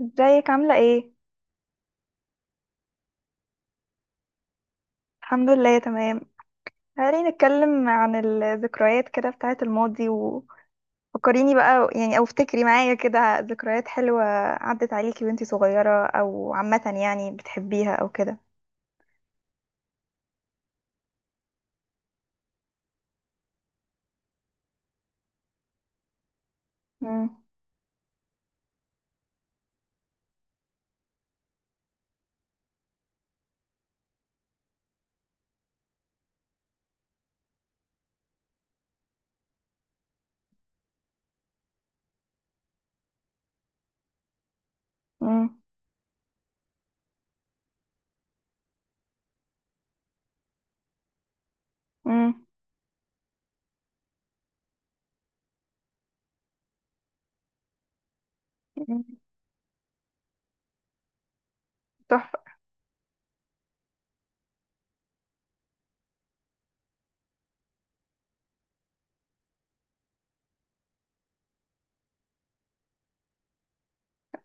ازيك عاملة ايه؟ الحمد لله تمام. تعالي نتكلم عن الذكريات كده بتاعة الماضي. وفكريني بقى، يعني، او افتكري معايا كده ذكريات حلوة عدت عليكي وانتي صغيرة، او عامة يعني بتحبيها او كده. مم، مم، مم، مم. تحفة.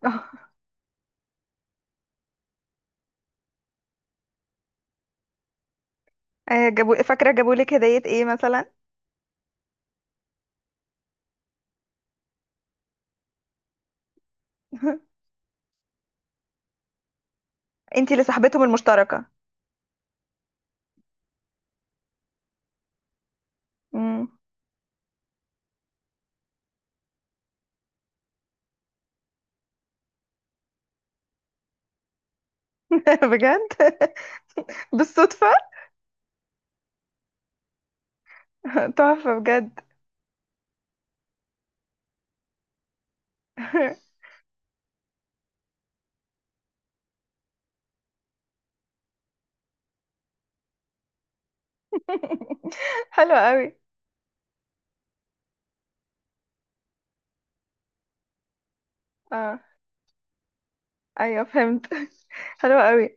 آه، فاكرة، جابولك هدية ايه مثلا؟ انتي اللي صاحبتهم المشتركة. مم. بجد؟ بالصدفة؟ تحفة بجد. حلوة قوي. ايوه فهمت. حلوة قوي.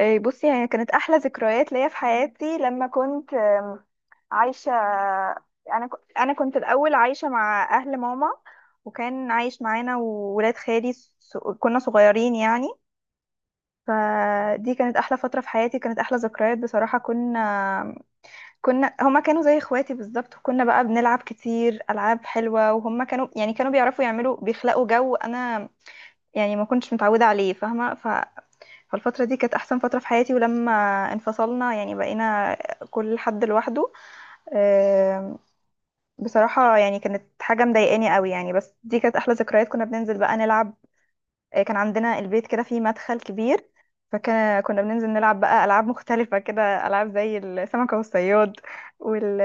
إيه، بصي، هي كانت احلى ذكريات ليا في حياتي لما كنت عايشه. انا كنت الاول عايشه مع اهل ماما، وكان عايش معانا وولاد خالي كنا صغيرين يعني. فدي كانت احلى فتره في حياتي، كانت احلى ذكريات بصراحه. كنا هما، كانوا زي اخواتي بالظبط، وكنا بقى بنلعب كتير العاب حلوه، وهما كانوا يعني كانوا بيعرفوا يعملوا، بيخلقوا جو انا يعني ما كنتش متعوده عليه، فاهمه. فالفترة دي كانت أحسن فترة في حياتي، ولما انفصلنا يعني بقينا كل حد لوحده. آم، بصراحة يعني كانت حاجة مضايقاني قوي يعني، بس دي كانت أحلى ذكريات. كنا بننزل بقى نلعب. كان عندنا البيت كده فيه مدخل كبير، فكنا بننزل نلعب بقى ألعاب مختلفة كده، ألعاب زي السمكة والصياد، وال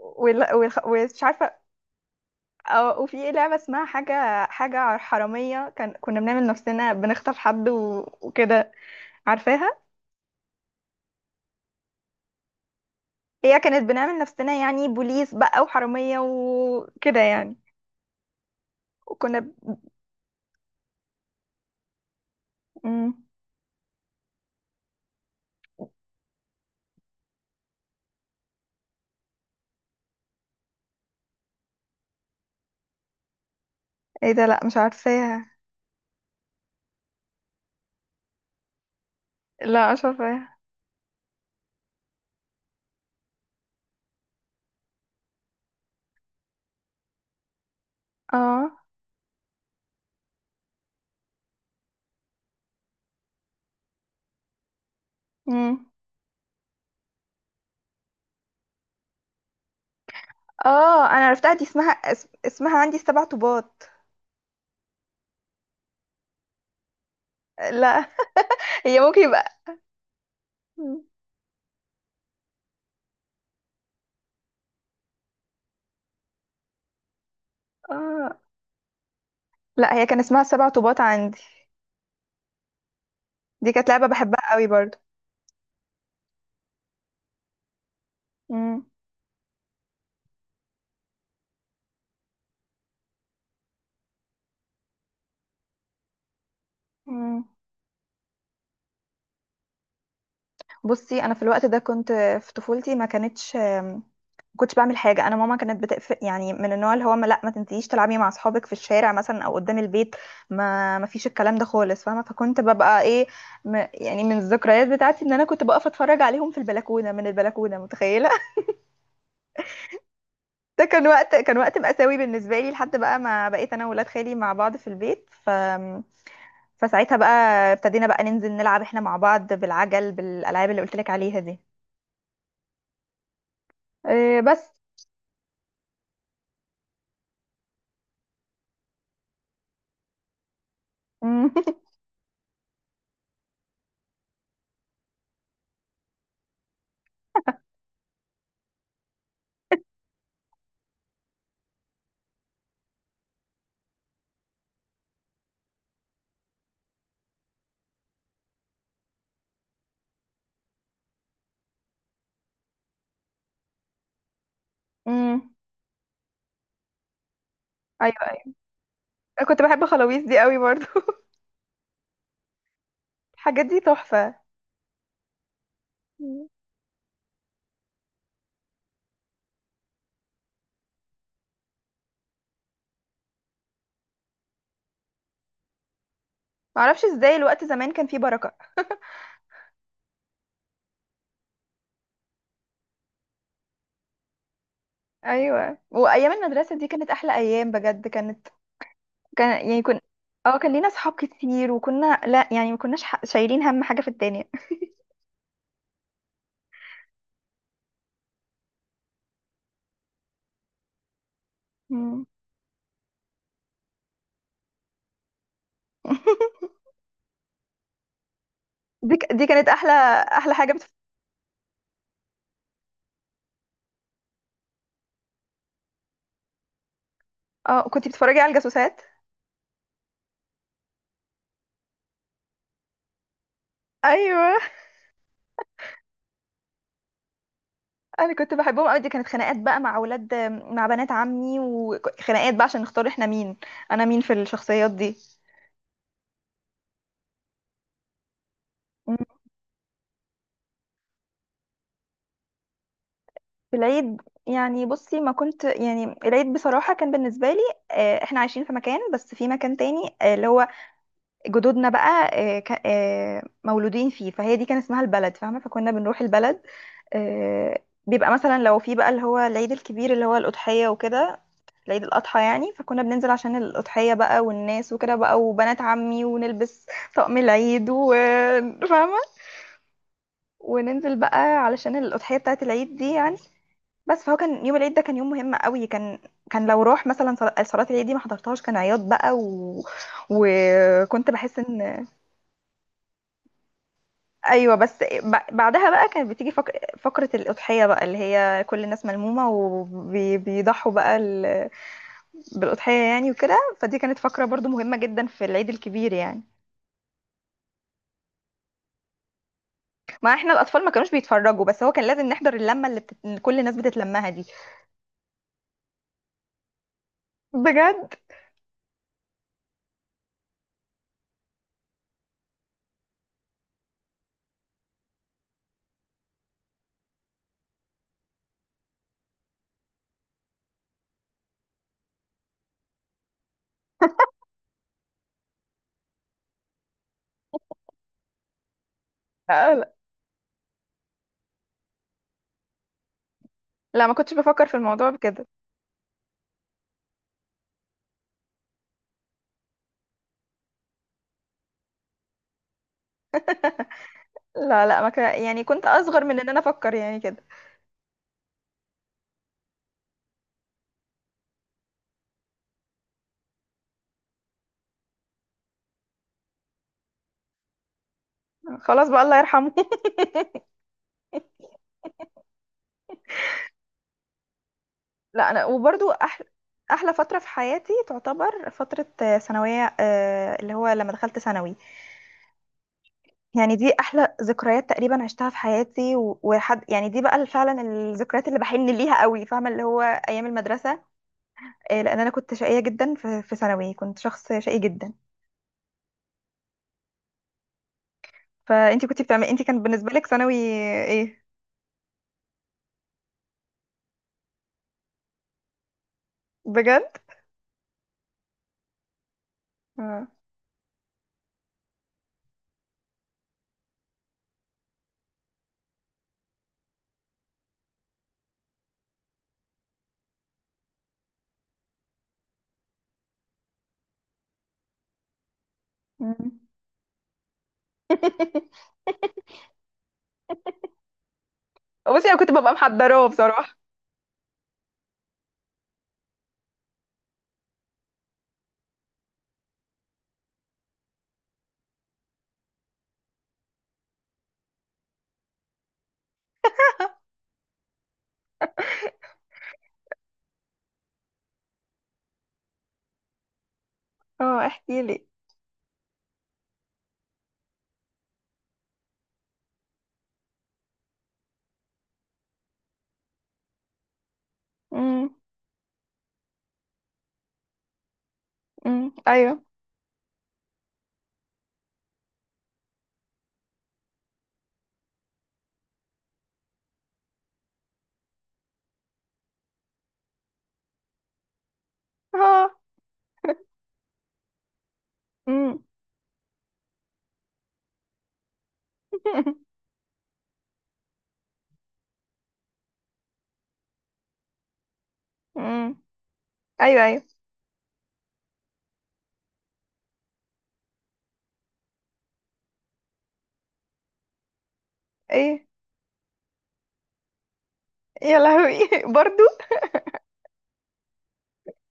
ومش عارفة. وفي لعبة اسمها حاجة حرامية، كنا بنعمل نفسنا بنخطف حد وكده، عارفاها. هي كانت بنعمل نفسنا يعني بوليس بقى وحرامية وكده يعني، وكنا ب... مم. ايه ده، لا مش عارفاها. لا مش عارفاها. اه. مم. اه، انا عرفتها دي، اسمها عندي السبع طوبات. لا. هي ممكن يبقى. مم. اه لا، هي كان اسمها السبع طوبات عندي. دي كانت لعبة بحبها قوي برضو. مم. مم. بصي، انا في الوقت ده كنت في طفولتي ما كنتش بعمل حاجه. انا ماما كانت بتقفل، يعني من النوع اللي هو، ما، لا ما تنسيش تلعبي مع اصحابك في الشارع مثلا او قدام البيت. ما فيش الكلام ده خالص، فاهمه. فكنت ببقى ايه، يعني من الذكريات بتاعتي ان انا كنت بقف اتفرج عليهم في البلكونه، من البلكونه، متخيله. ده كان وقت مأساوي بالنسبه لي، لحد بقى ما بقيت انا وولاد خالي مع بعض في البيت. فساعتها بقى ابتدينا بقى ننزل نلعب احنا مع بعض بالعجل، بالالعاب اللي قلت لك عليها دي. إيه بس. امم. ايوه ايوه. أنا كنت بحب خلاويص دي قوي برضو. الحاجات دي تحفه. مم. معرفش ازاي الوقت زمان كان فيه بركه. ايوه، وايام المدرسه دي كانت احلى ايام بجد كانت كان يعني كن اه، كان لينا صحاب كتير، وكنا، لا يعني ما كناش شايلين هم حاجه في الدنيا. مم. دي كانت احلى حاجه. اه، كنت بتتفرجي على الجاسوسات. ايوه، انا كنت بحبهم قوي، دي كانت خناقات بقى مع اولاد، مع بنات عمي، وخناقات بقى عشان نختار احنا مين، انا مين في الشخصيات دي. في العيد يعني، بصي، ما كنت يعني، العيد بصراحة كان بالنسبة لي، احنا عايشين في مكان، بس في مكان تاني، اللي هو جدودنا بقى، مولودين فيه، فهي دي كان اسمها البلد، فاهمة، فكنا بنروح البلد. بيبقى مثلا لو في بقى اللي هو العيد الكبير اللي هو الأضحية وكده، العيد الأضحى يعني. فكنا بننزل عشان الأضحية بقى والناس وكده بقى، وبنات عمي، ونلبس طقم العيد، وفاهمة، وننزل بقى علشان الأضحية بتاعت العيد دي يعني. بس فهو كان يوم العيد ده، كان يوم مهم قوي كان لو روح مثلا صلاة العيد دي ما حضرتهاش كان عياط بقى. وكنت بحس. ايوه، بس بعدها بقى كانت بتيجي فقرة الأضحية بقى، اللي هي كل الناس ملمومة وبيضحوا بقى بالأضحية يعني وكده. فدي كانت فقرة برضو مهمة جدا في العيد الكبير يعني. ما احنا الأطفال ما كانوش بيتفرجوا، بس هو كان لازم نحضر اللمة اللي كل الناس بتتلمها دي. بجد. آه، لا، لا ما كنتش بفكر في الموضوع بكده. لا، لا ما كان، يعني كنت اصغر من ان انا افكر يعني كده. خلاص بقى، الله يرحمه. لا، انا وبرضو احلى فتره في حياتي تعتبر فتره، ثانويه، اللي هو لما دخلت ثانوي. يعني دي احلى ذكريات تقريبا عشتها في حياتي، وحد يعني، دي بقى فعلا الذكريات اللي بحن ليها قوي، فاهمه، اللي هو ايام المدرسه. لان انا كنت شقيه جدا في ثانوي، كنت شخص شقي جدا. فانتي كنت بتعملي انتي كان بالنسبه لك ثانوي؟ ايه. بجد. آه. مم. بصي، انا كنت ببقى محضراه بصراحه. اه احكي لي. امم. ايوه. اه. امم. امم ايوه ايوه. ايه. يا لهوي. برضو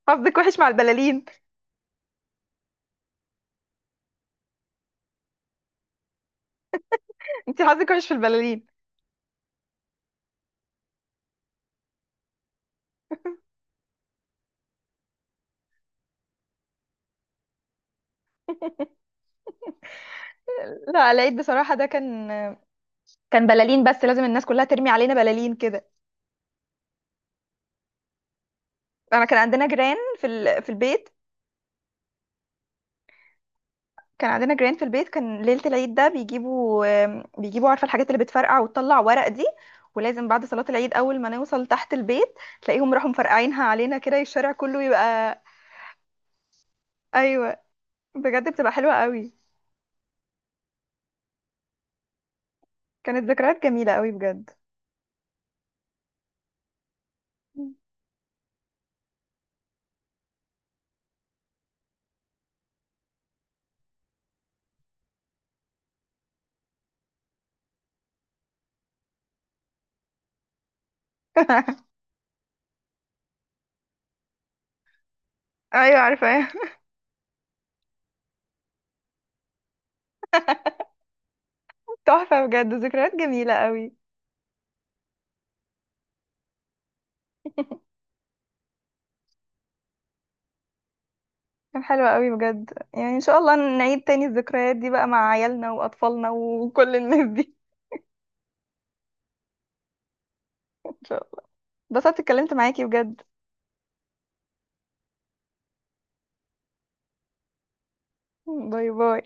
حظك وحش مع البلالين. انت حظك وحش في البلالين. لا، العيد بصراحة ده كان بلالين، بس لازم الناس كلها ترمي علينا بلالين كده. انا كان عندنا جيران في البيت، كان عندنا جيران في البيت، كان ليلة العيد ده بيجيبوا عارفة، الحاجات اللي بتفرقع وتطلع ورق دي. ولازم بعد صلاة العيد، أول ما نوصل تحت البيت، تلاقيهم راحوا مفرقعينها علينا كده، الشارع كله يبقى. ايوه. بجد بتبقى حلوه قوي. كانت ذكريات جميله قوي بجد. ايوه عارفه. تحفه بجد، ذكريات جميله قوي. كان حلوه قوي بجد يعني، ان شاء الله نعيد تاني الذكريات دي بقى مع عيالنا واطفالنا وكل الناس دي. ان شاء الله. اتبسطت اتكلمت معاكي بجد. باي باي.